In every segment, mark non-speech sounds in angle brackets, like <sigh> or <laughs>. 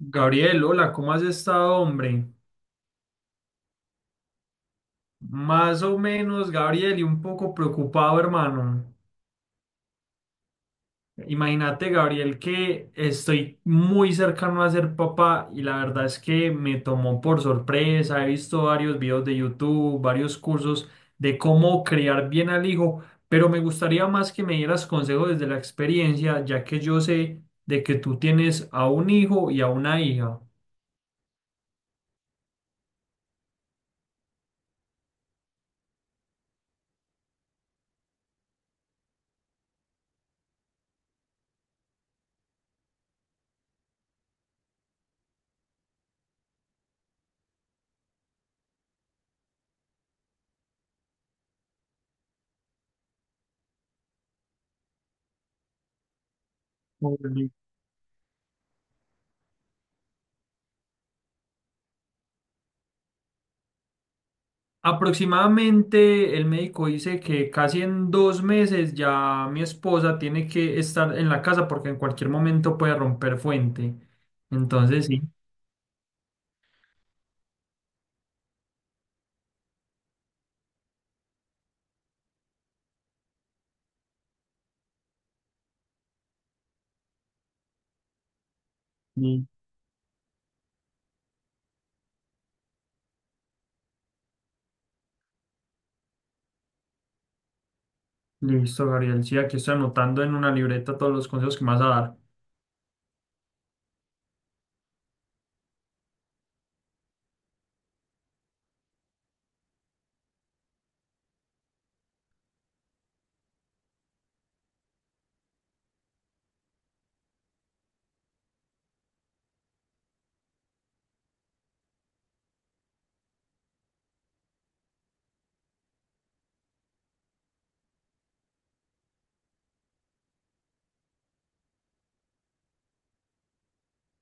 Gabriel, hola, ¿cómo has estado, hombre? Más o menos, Gabriel, y un poco preocupado, hermano. Imagínate, Gabriel, que estoy muy cercano a ser papá y la verdad es que me tomó por sorpresa. He visto varios videos de YouTube, varios cursos de cómo criar bien al hijo, pero me gustaría más que me dieras consejos desde la experiencia, ya que yo sé de que tú tienes a un hijo y a una hija. Aproximadamente el médico dice que casi en 2 meses ya mi esposa tiene que estar en la casa porque en cualquier momento puede romper fuente. Entonces, sí, sí, listo, Gabriel. Sí, aquí estoy anotando en una libreta todos los consejos que me vas a dar.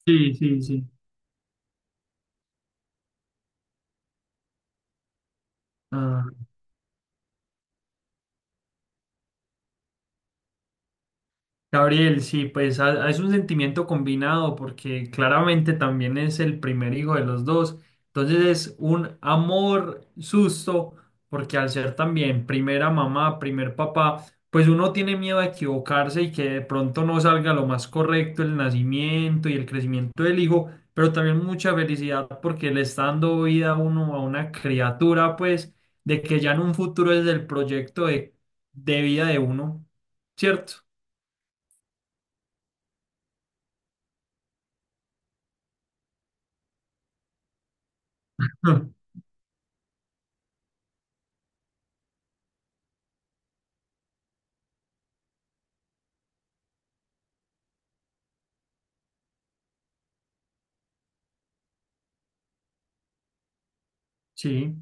Sí, sí, sí. Ah. Gabriel, sí, pues es un sentimiento combinado porque claramente también es el primer hijo de los dos. Entonces es un amor susto porque al ser también primera mamá, primer papá, pues uno tiene miedo a equivocarse y que de pronto no salga lo más correcto el nacimiento y el crecimiento del hijo, pero también mucha felicidad porque le está dando vida a uno a una criatura, pues de que ya en un futuro es el proyecto de vida de uno, ¿cierto? <laughs> Sí,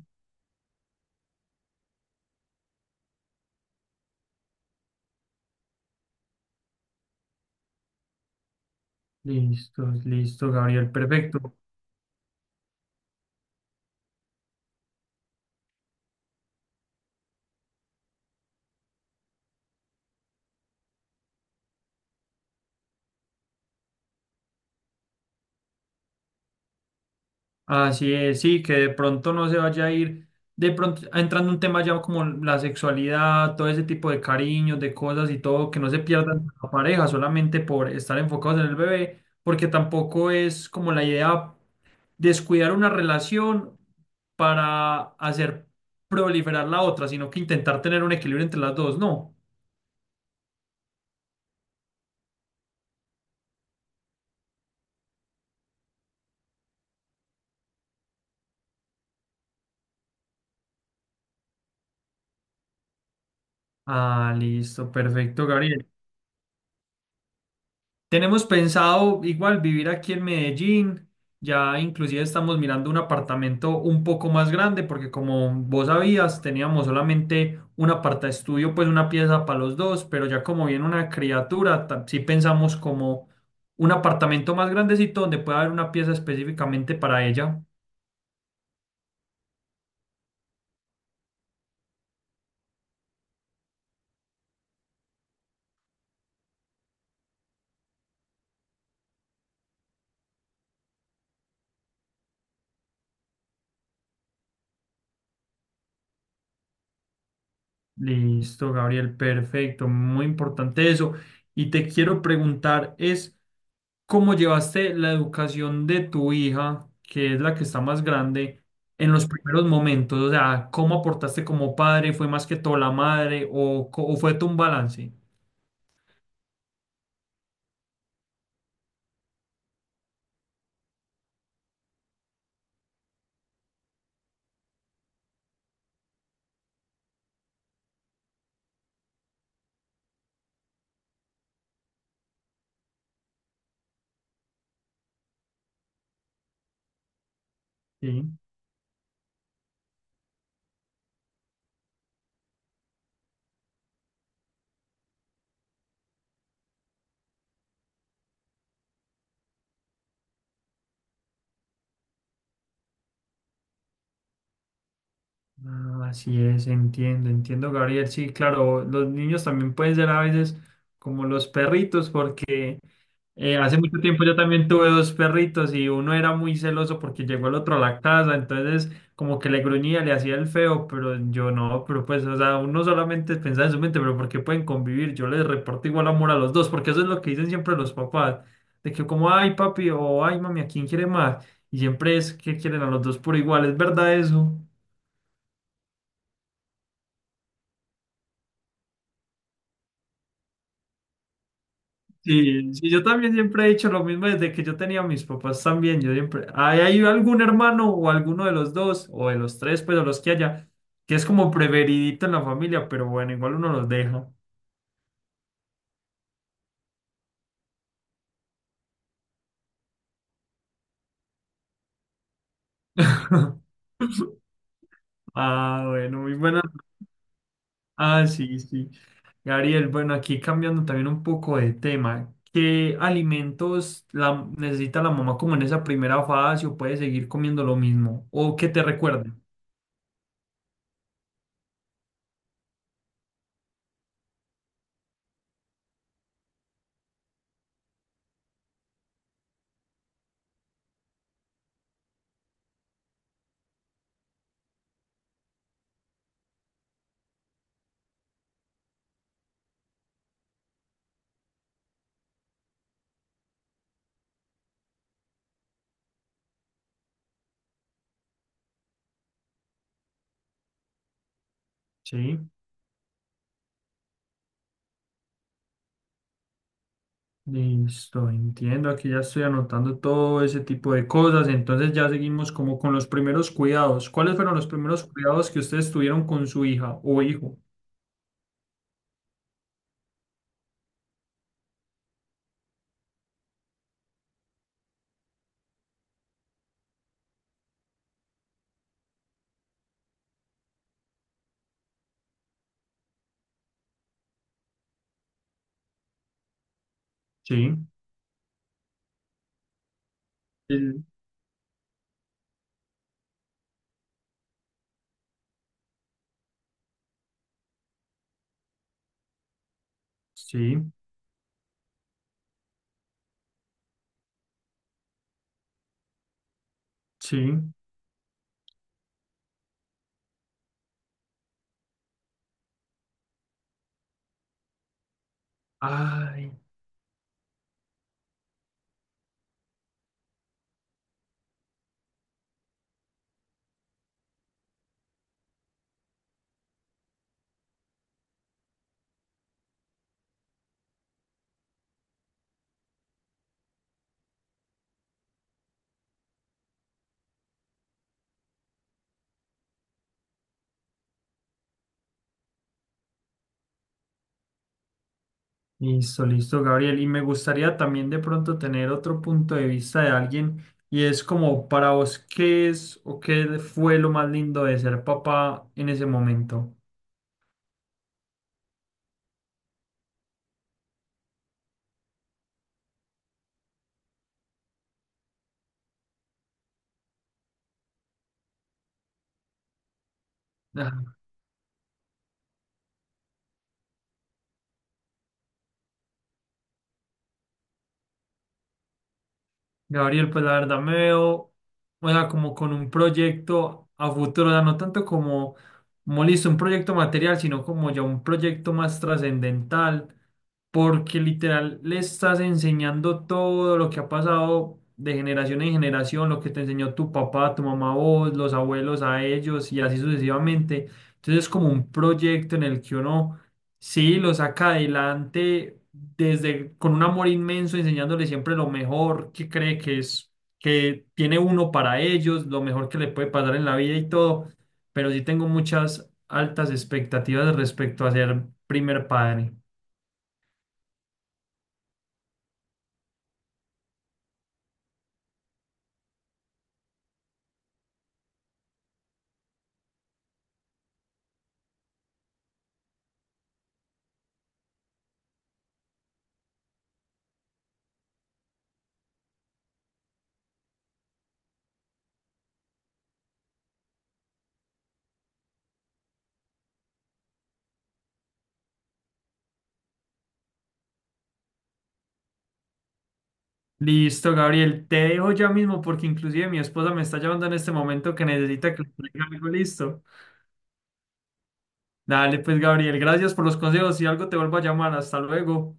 listo, listo, Gabriel, perfecto. Así es, sí, que de pronto no se vaya a ir, de pronto ah, entrando un tema ya como la sexualidad, todo ese tipo de cariños, de cosas y todo, que no se pierdan la pareja solamente por estar enfocados en el bebé, porque tampoco es como la idea descuidar una relación para hacer proliferar la otra, sino que intentar tener un equilibrio entre las dos, ¿no? Ah, listo, perfecto, Gabriel. Tenemos pensado igual vivir aquí en Medellín. Ya inclusive estamos mirando un apartamento un poco más grande porque como vos sabías, teníamos solamente un aparta estudio, pues una pieza para los dos, pero ya como viene una criatura, sí pensamos como un apartamento más grandecito donde pueda haber una pieza específicamente para ella. Listo, Gabriel, perfecto, muy importante eso. Y te quiero preguntar es, ¿cómo llevaste la educación de tu hija, que es la que está más grande, en los primeros momentos? O sea, ¿cómo aportaste como padre? ¿Fue más que todo la madre o, o fue tu un balance? Sí. Ah, así es, entiendo, entiendo, Gabriel. Sí, claro, los niños también pueden ser a veces como los perritos, porque hace mucho tiempo yo también tuve dos perritos y uno era muy celoso porque llegó el otro a la casa, entonces como que le gruñía, le hacía el feo, pero yo no, pero pues, o sea, uno solamente pensaba en su mente, pero ¿por qué pueden convivir? Yo les reporto igual amor a los dos, porque eso es lo que dicen siempre los papás, de que como, ay, papi, o ay, mami, ¿a quién quiere más? Y siempre es que quieren a los dos por igual, ¿es verdad eso? Sí, sí, yo también siempre he dicho lo mismo desde que yo tenía a mis papás también. Yo siempre, hay algún hermano o alguno de los dos, o de los tres, pues, o los que haya, que es como preferidito en la familia, pero bueno, igual uno los deja. <laughs> Ah, bueno, muy buena. Ah, sí, sí. Gabriel, bueno, aquí cambiando también un poco de tema. ¿Qué alimentos necesita la mamá como en esa primera fase o puede seguir comiendo lo mismo? ¿O qué te recuerda? Sí. Listo, entiendo. Aquí ya estoy anotando todo ese tipo de cosas. Entonces ya seguimos como con los primeros cuidados. ¿Cuáles fueron los primeros cuidados que ustedes tuvieron con su hija o hijo? Sí, el- sí, sí. Ay, listo, listo, Gabriel. Y me gustaría también de pronto tener otro punto de vista de alguien. Y es como para vos, ¿qué es o qué fue lo más lindo de ser papá en ese momento? Gabriel, pues la verdad me veo, o sea, como con un proyecto a futuro, o sea, no tanto como, como listo, un proyecto material, sino como ya un proyecto más trascendental, porque literal le estás enseñando todo lo que ha pasado de generación en generación, lo que te enseñó tu papá, tu mamá, vos, los abuelos a ellos y así sucesivamente. Entonces es como un proyecto en el que uno sí, lo saca adelante desde con un amor inmenso, enseñándole siempre lo mejor que cree que es, que tiene uno para ellos, lo mejor que le puede pasar en la vida y todo. Pero sí tengo muchas altas expectativas respecto a ser primer padre. Listo, Gabriel, te dejo ya mismo porque inclusive mi esposa me está llamando en este momento que necesita que le traiga algo listo. Dale, pues, Gabriel, gracias por los consejos. Si algo te vuelvo a llamar, hasta luego.